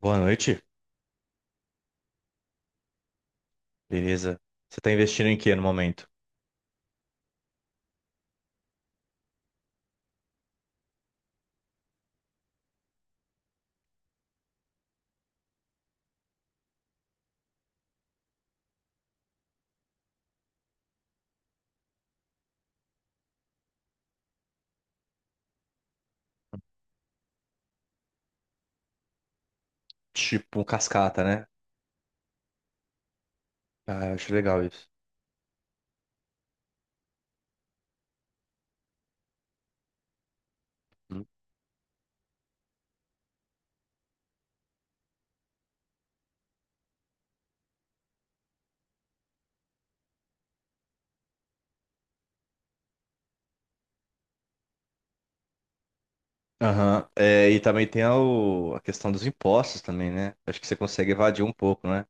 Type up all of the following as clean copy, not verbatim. Boa noite, beleza? Você tá investindo em quê no momento? Tipo, um cascata, né? Ah, eu acho legal isso. Hum. Aham. É, e também tem a questão dos impostos também, né? Acho que você consegue evadir um pouco, né?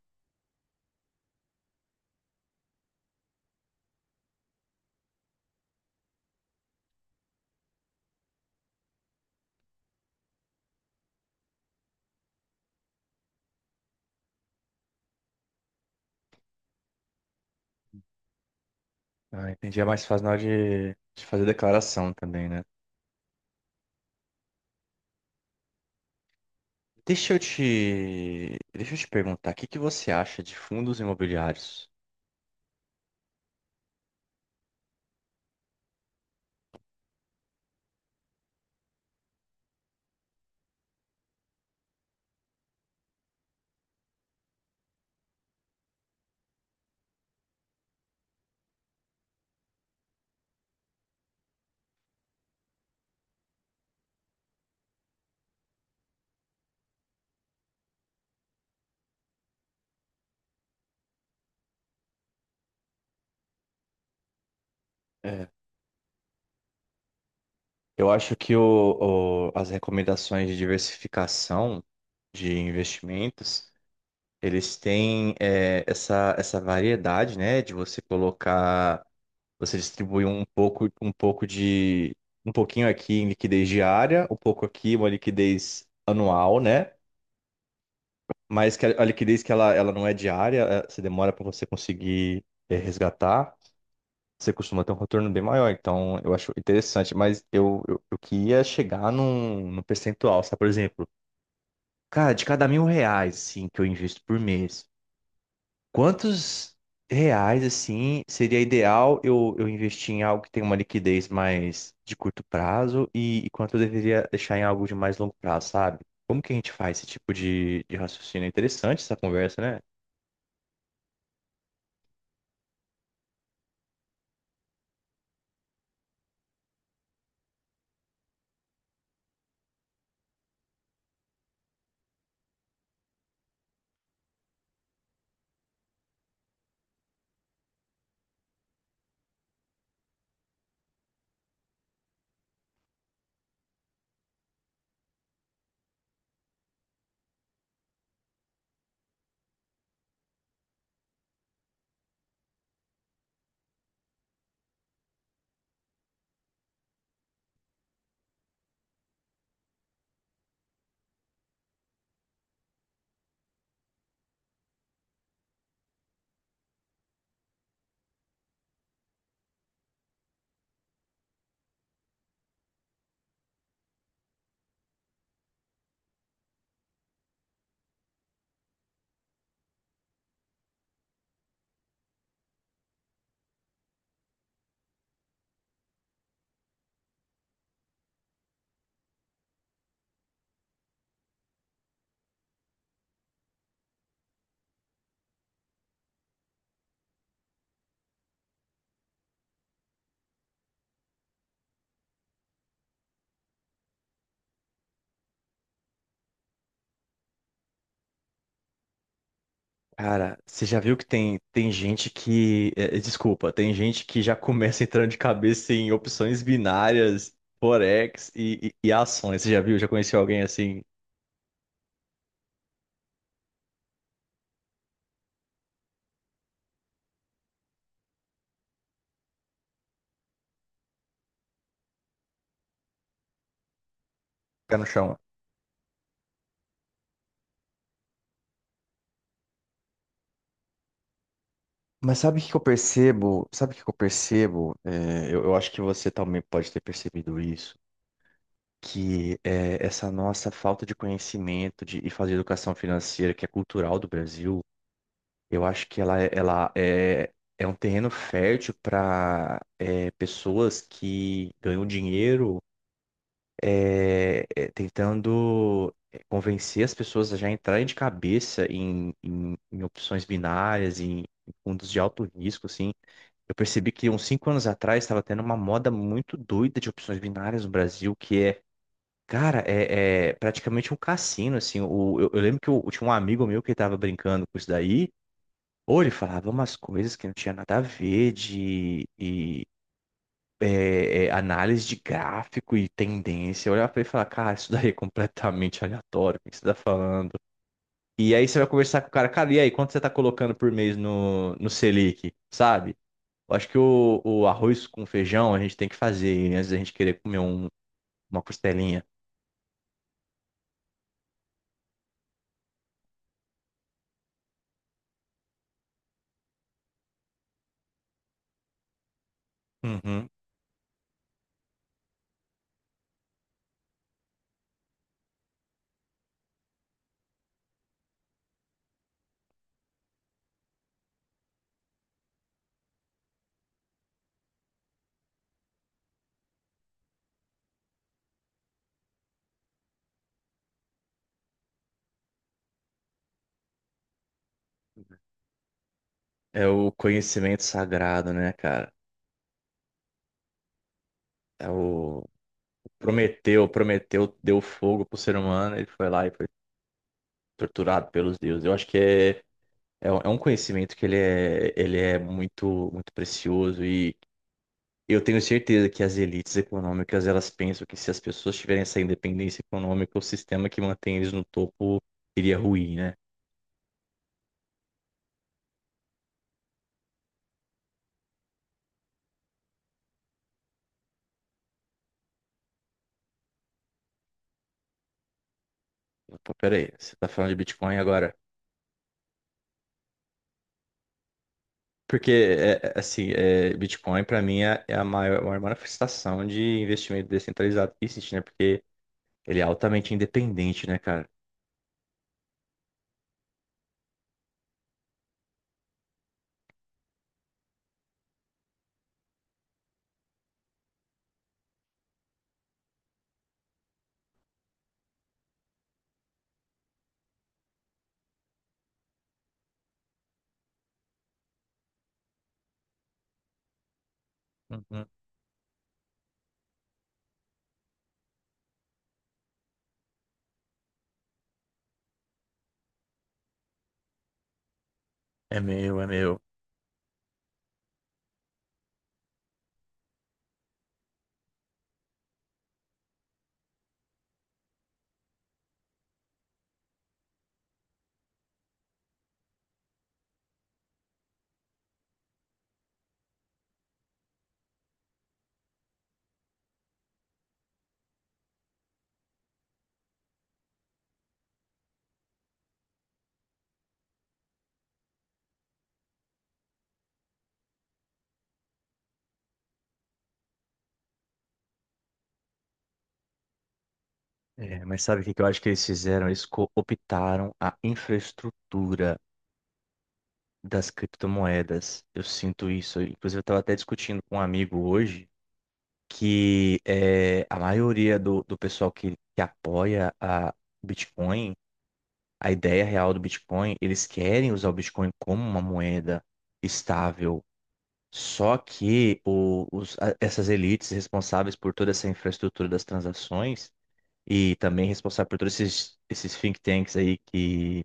Ah, entendi. É mais fácil na hora de fazer declaração também, né? Deixa eu te perguntar, o que que você acha de fundos imobiliários? É. Eu acho que as recomendações de diversificação de investimentos, eles têm essa, essa variedade, né, de você colocar, você distribuir um pouco, um pouquinho aqui em liquidez diária, um pouco aqui uma liquidez anual, né? Mas que a liquidez que ela não é diária, você demora para você conseguir resgatar, você costuma ter um retorno bem maior. Então, eu acho interessante, mas eu queria chegar num percentual, sabe? Por exemplo, cara, de cada R$ 1.000, assim, que eu invisto por mês, quantos reais, assim, seria ideal eu investir em algo que tem uma liquidez mais de curto prazo e quanto eu deveria deixar em algo de mais longo prazo, sabe? Como que a gente faz esse tipo de raciocínio? É interessante essa conversa, né? Cara, você já viu que tem gente que. Desculpa, tem gente que já começa entrando de cabeça em opções binárias, forex e ações. Você já viu? Já conheceu alguém assim, pé no chão? Mas sabe o que que eu percebo? Sabe o que que eu percebo? Eu acho que você também pode ter percebido isso, que é, essa nossa falta de conhecimento e fazer educação financeira, que é cultural do Brasil, eu acho que ela é, é um terreno fértil para pessoas que ganham dinheiro tentando convencer as pessoas a já entrarem de cabeça em opções binárias, em em fundos de alto risco, assim. Eu percebi que uns 5 anos atrás estava tendo uma moda muito doida de opções binárias no Brasil, cara, é praticamente um cassino, assim. O, eu lembro que eu tinha um amigo meu que estava brincando com isso daí, ou ele falava umas coisas que não tinha nada a ver de e, é, é, análise de gráfico e tendência. Eu olhava pra ele e falava, cara, isso daí é completamente aleatório, o que você tá falando? E aí você vai conversar com o cara, cara, e aí, quanto você tá colocando por mês no Selic, sabe? Eu acho que o arroz com feijão a gente tem que fazer antes da gente querer comer um- uma costelinha. Uhum. É o conhecimento sagrado, né, cara? É o Prometeu, Prometeu deu fogo pro ser humano, ele foi lá e foi torturado pelos deuses. Eu acho que um é um conhecimento que ele é muito, muito precioso e eu tenho certeza que as elites econômicas, elas pensam que se as pessoas tiverem essa independência econômica, o sistema que mantém eles no topo iria ruir, né? Pô, peraí, você tá falando de Bitcoin agora? Porque, Bitcoin pra mim é a maior, maior manifestação de investimento descentralizado que existe, né? Porque ele é altamente independente, né, cara? Uhum. É meu, é meu. É, mas sabe o que que eu acho que eles fizeram? Eles cooptaram a infraestrutura das criptomoedas. Eu sinto isso. Inclusive, eu estava até discutindo com um amigo hoje a maioria do pessoal que apoia a Bitcoin, a ideia real do Bitcoin, eles querem usar o Bitcoin como uma moeda estável. Só que essas elites responsáveis por toda essa infraestrutura das transações e também responsável por todos esses, esses think tanks aí que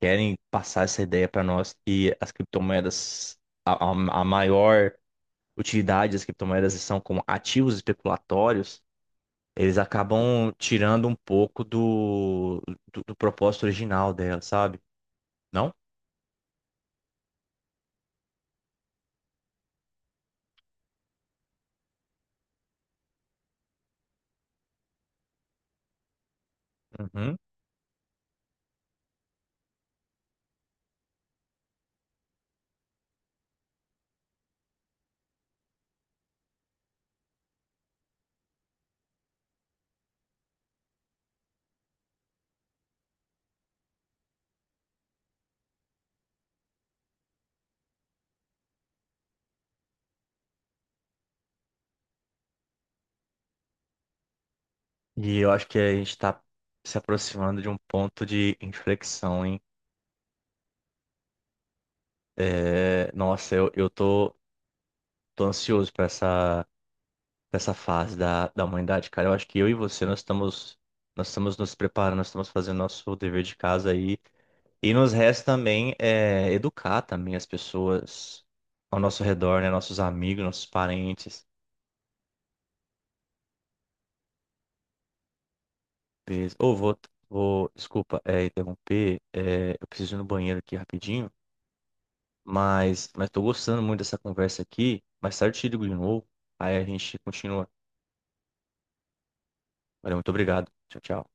querem passar essa ideia para nós que as criptomoedas, a, a a maior utilidade das criptomoedas são como ativos especulatórios, eles acabam tirando um pouco do propósito original dela, sabe? Não? Uhum. E eu acho que a gente está se aproximando de um ponto de inflexão, hein? Eu tô, tô ansioso para essa, pra essa fase da humanidade, cara. Eu acho que eu e você, nós estamos nos preparando, nós estamos fazendo nosso dever de casa aí. E nos resta também educar também as pessoas ao nosso redor, né? Nossos amigos, nossos parentes. Beleza. Desculpa, interromper. É, eu preciso ir no banheiro aqui rapidinho. Mas tô gostando muito dessa conversa aqui. Mais tarde eu te ligo de novo. Aí a gente continua. Valeu, muito obrigado. Tchau, tchau.